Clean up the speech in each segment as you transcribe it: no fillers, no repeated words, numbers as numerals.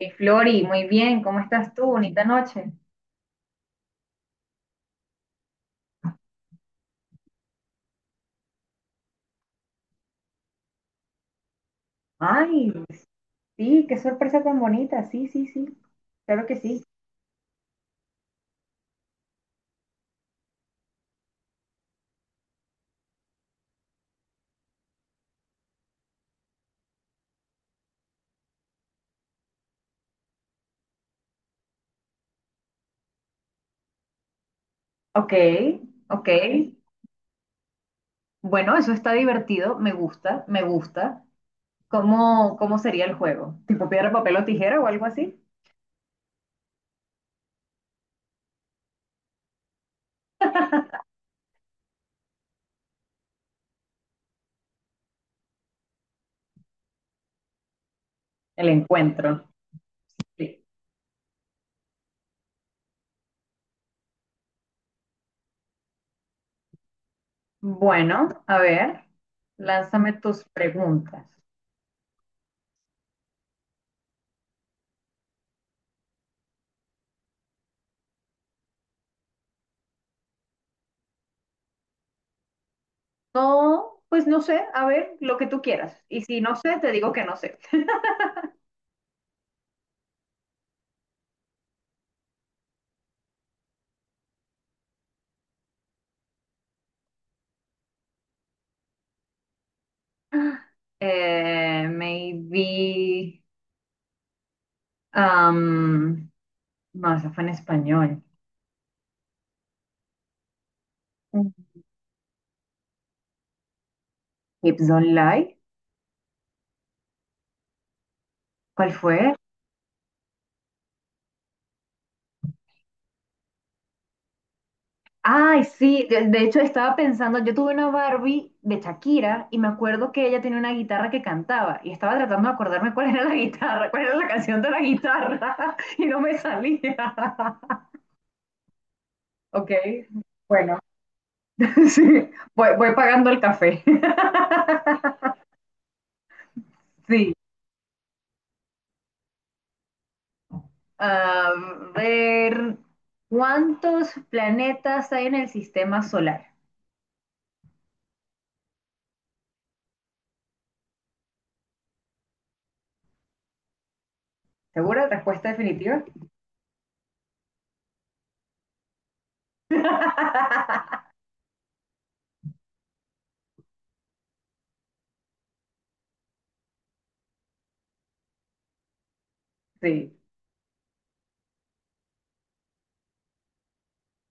Y Flori, muy bien, ¿cómo estás tú? Bonita noche. Ay, sí, qué sorpresa tan bonita. Sí, sí, sí, claro que sí. Ok, ok. Bueno, eso está divertido, me gusta, me gusta. ¿Cómo sería el juego? ¿Tipo piedra, papel o tijera o algo así? El encuentro. Sí. Bueno, a ver, lánzame tus preguntas. No, pues no sé, a ver, lo que tú quieras. Y si no sé, te digo que no sé. Maybe. Am, no, esa fue en español. Mm. Hips Don't Lie. ¿Cuál fue? Ay, sí, de hecho estaba pensando, yo tuve una Barbie de Shakira y me acuerdo que ella tenía una guitarra que cantaba y estaba tratando de acordarme cuál era la guitarra, cuál era la canción de la guitarra y no me salía. Ok, bueno, sí, voy pagando el café. Sí. A ver, ¿cuántos planetas hay en el sistema solar? ¿Segura? ¿Respuesta definitiva? Sí.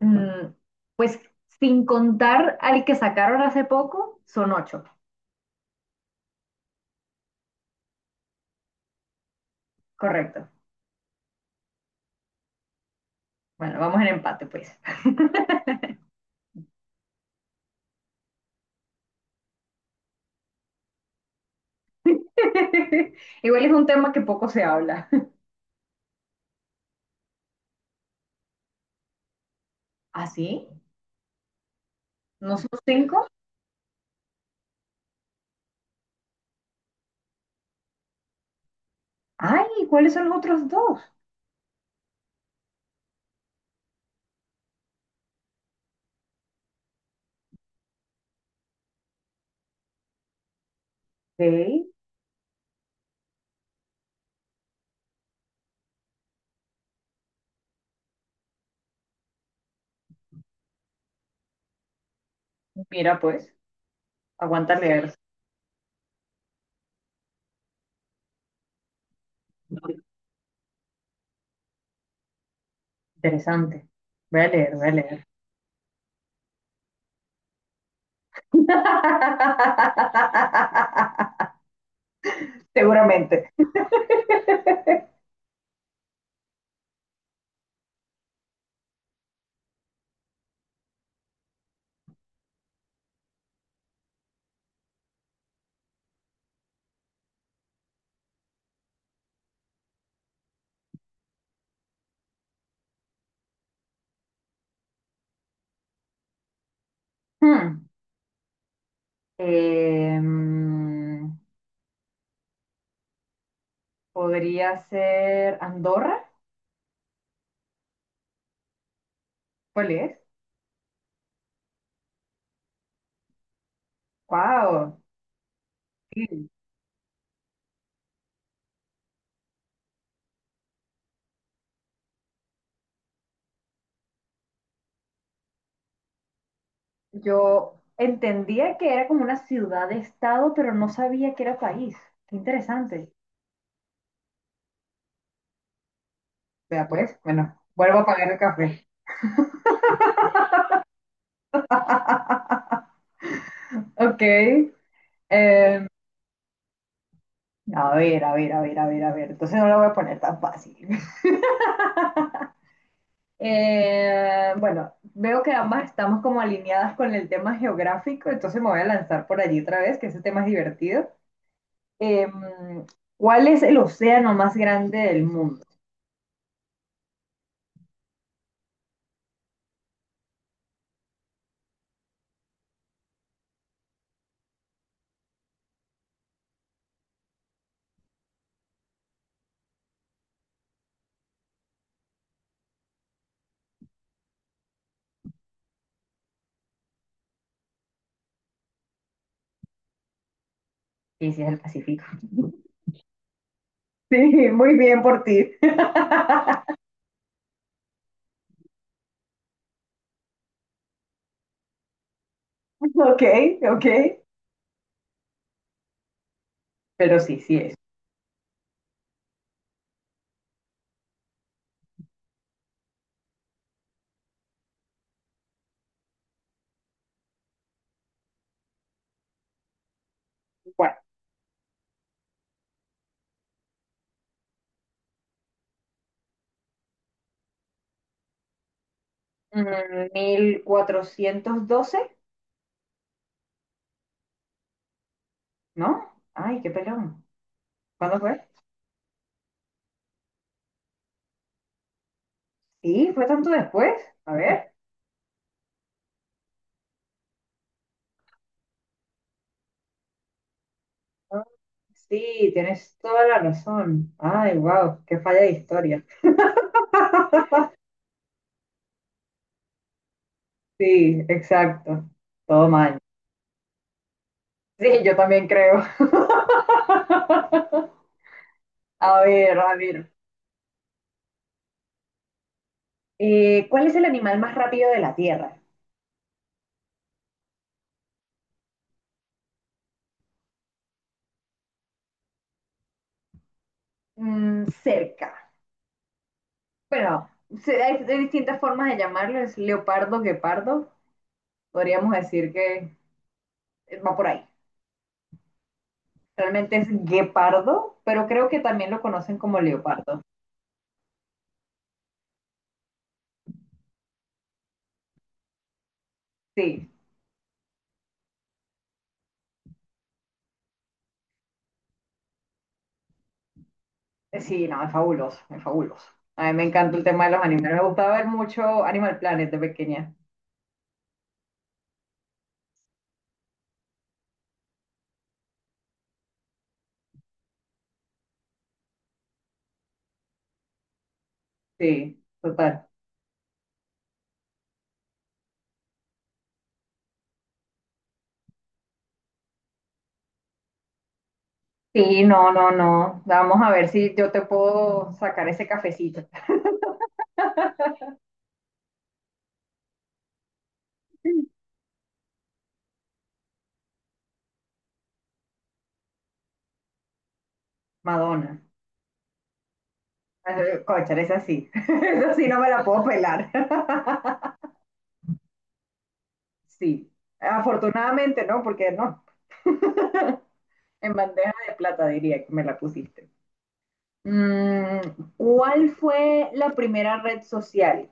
Mm, pues sin contar al que sacaron hace poco, son ocho. Correcto. Bueno, vamos en empate, pues. Igual es un tema que poco se habla. ¿Ah, sí? ¿No son cinco? Ay, ¿cuáles son los otros dos? Sí. Mira, pues, aguanta leer. Interesante. Voy a leer, voy a leer. Seguramente. Hmm. Em, podría ser Andorra. ¿Cuál es? Wow. Yo entendía que era como una ciudad de estado, pero no sabía que era país. Qué interesante. Vea pues, bueno, vuelvo a pagar el café. Ok. em, A ver, a ver, a ver, a ver, a ver. Entonces no la voy a poner tan fácil. Bueno, veo que ambas estamos como alineadas con el tema geográfico, entonces me voy a lanzar por allí otra vez, que ese tema es divertido. Em, ¿Cuál es el océano más grande del mundo? Y si es el Pacífico. Sí, muy bien por ti. Ok, ok. Pero sí, sí es. Bueno, 1412, ¿no? Ay, qué pelón. ¿Cuándo fue? Sí, fue tanto después. A ver. Ah, sí, tienes toda la razón. Ay, wow, qué falla de historia. Sí, exacto. Todo mal. Sí, yo también creo. A ver, a ver. ¿Cuál es el animal más rápido de la Tierra? Mm, cerca. Bueno, hay, hay distintas formas de llamarlo. Es leopardo, guepardo. Podríamos decir que va por ahí. Realmente es guepardo, pero creo que también lo conocen como leopardo. Sí. Sí, no, es fabuloso, es fabuloso. A mí me encanta el tema de los animales. Me gustaba ver mucho Animal Planet de pequeña. Sí, total. Sí, no, no, no. Vamos a ver si yo te puedo sacar ese cafecito. Madonna. Cónchale, esa sí. Esa sí no me la puedo pelar. Sí. Afortunadamente no, porque no. En bandeja de plata diría que me la pusiste. Mm, ¿cuál fue la primera red social?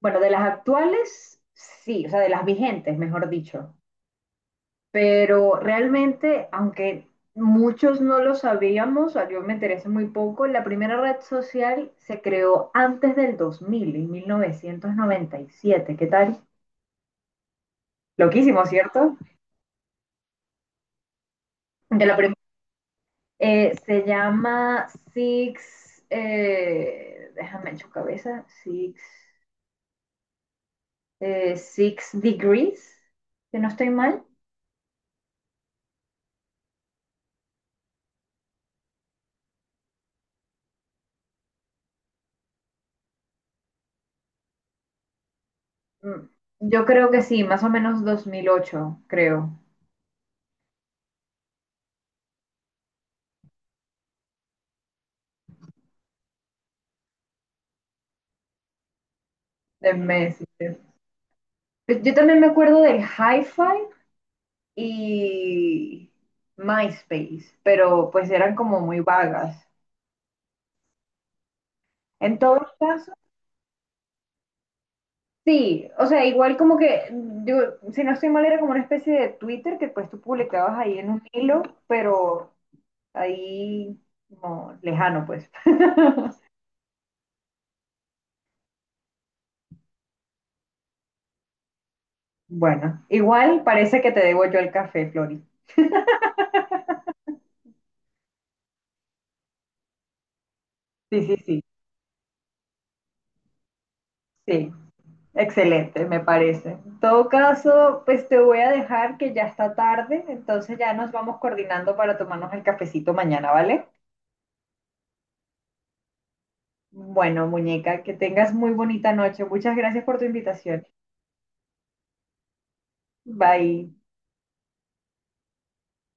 Bueno, de las actuales, sí, o sea, de las vigentes, mejor dicho. Pero realmente, aunque muchos no lo sabíamos, o sea, yo me enteré hace muy poco, la primera red social se creó antes del 2000, en 1997. ¿Qué tal? Loquísimo, ¿cierto? De la prim- se llama Six, déjame en su cabeza, Six, Six Degrees, si no estoy mal. Mm, yo creo que sí, más o menos 2008, creo, de Messi. Pues yo también me acuerdo del Hi-Fi y MySpace, pero pues eran como muy vagas. En todos casos, sí, o sea, igual como que, yo, si no estoy mal, era como una especie de Twitter que pues tú publicabas ahí en un hilo, pero ahí como lejano, pues. Bueno, igual parece que te debo yo el café, Flori. Sí, sí, sí, sí. Excelente, me parece. En todo caso, pues te voy a dejar que ya está tarde, entonces ya nos vamos coordinando para tomarnos el cafecito mañana, ¿vale? Bueno, muñeca, que tengas muy bonita noche. Muchas gracias por tu invitación. Bye.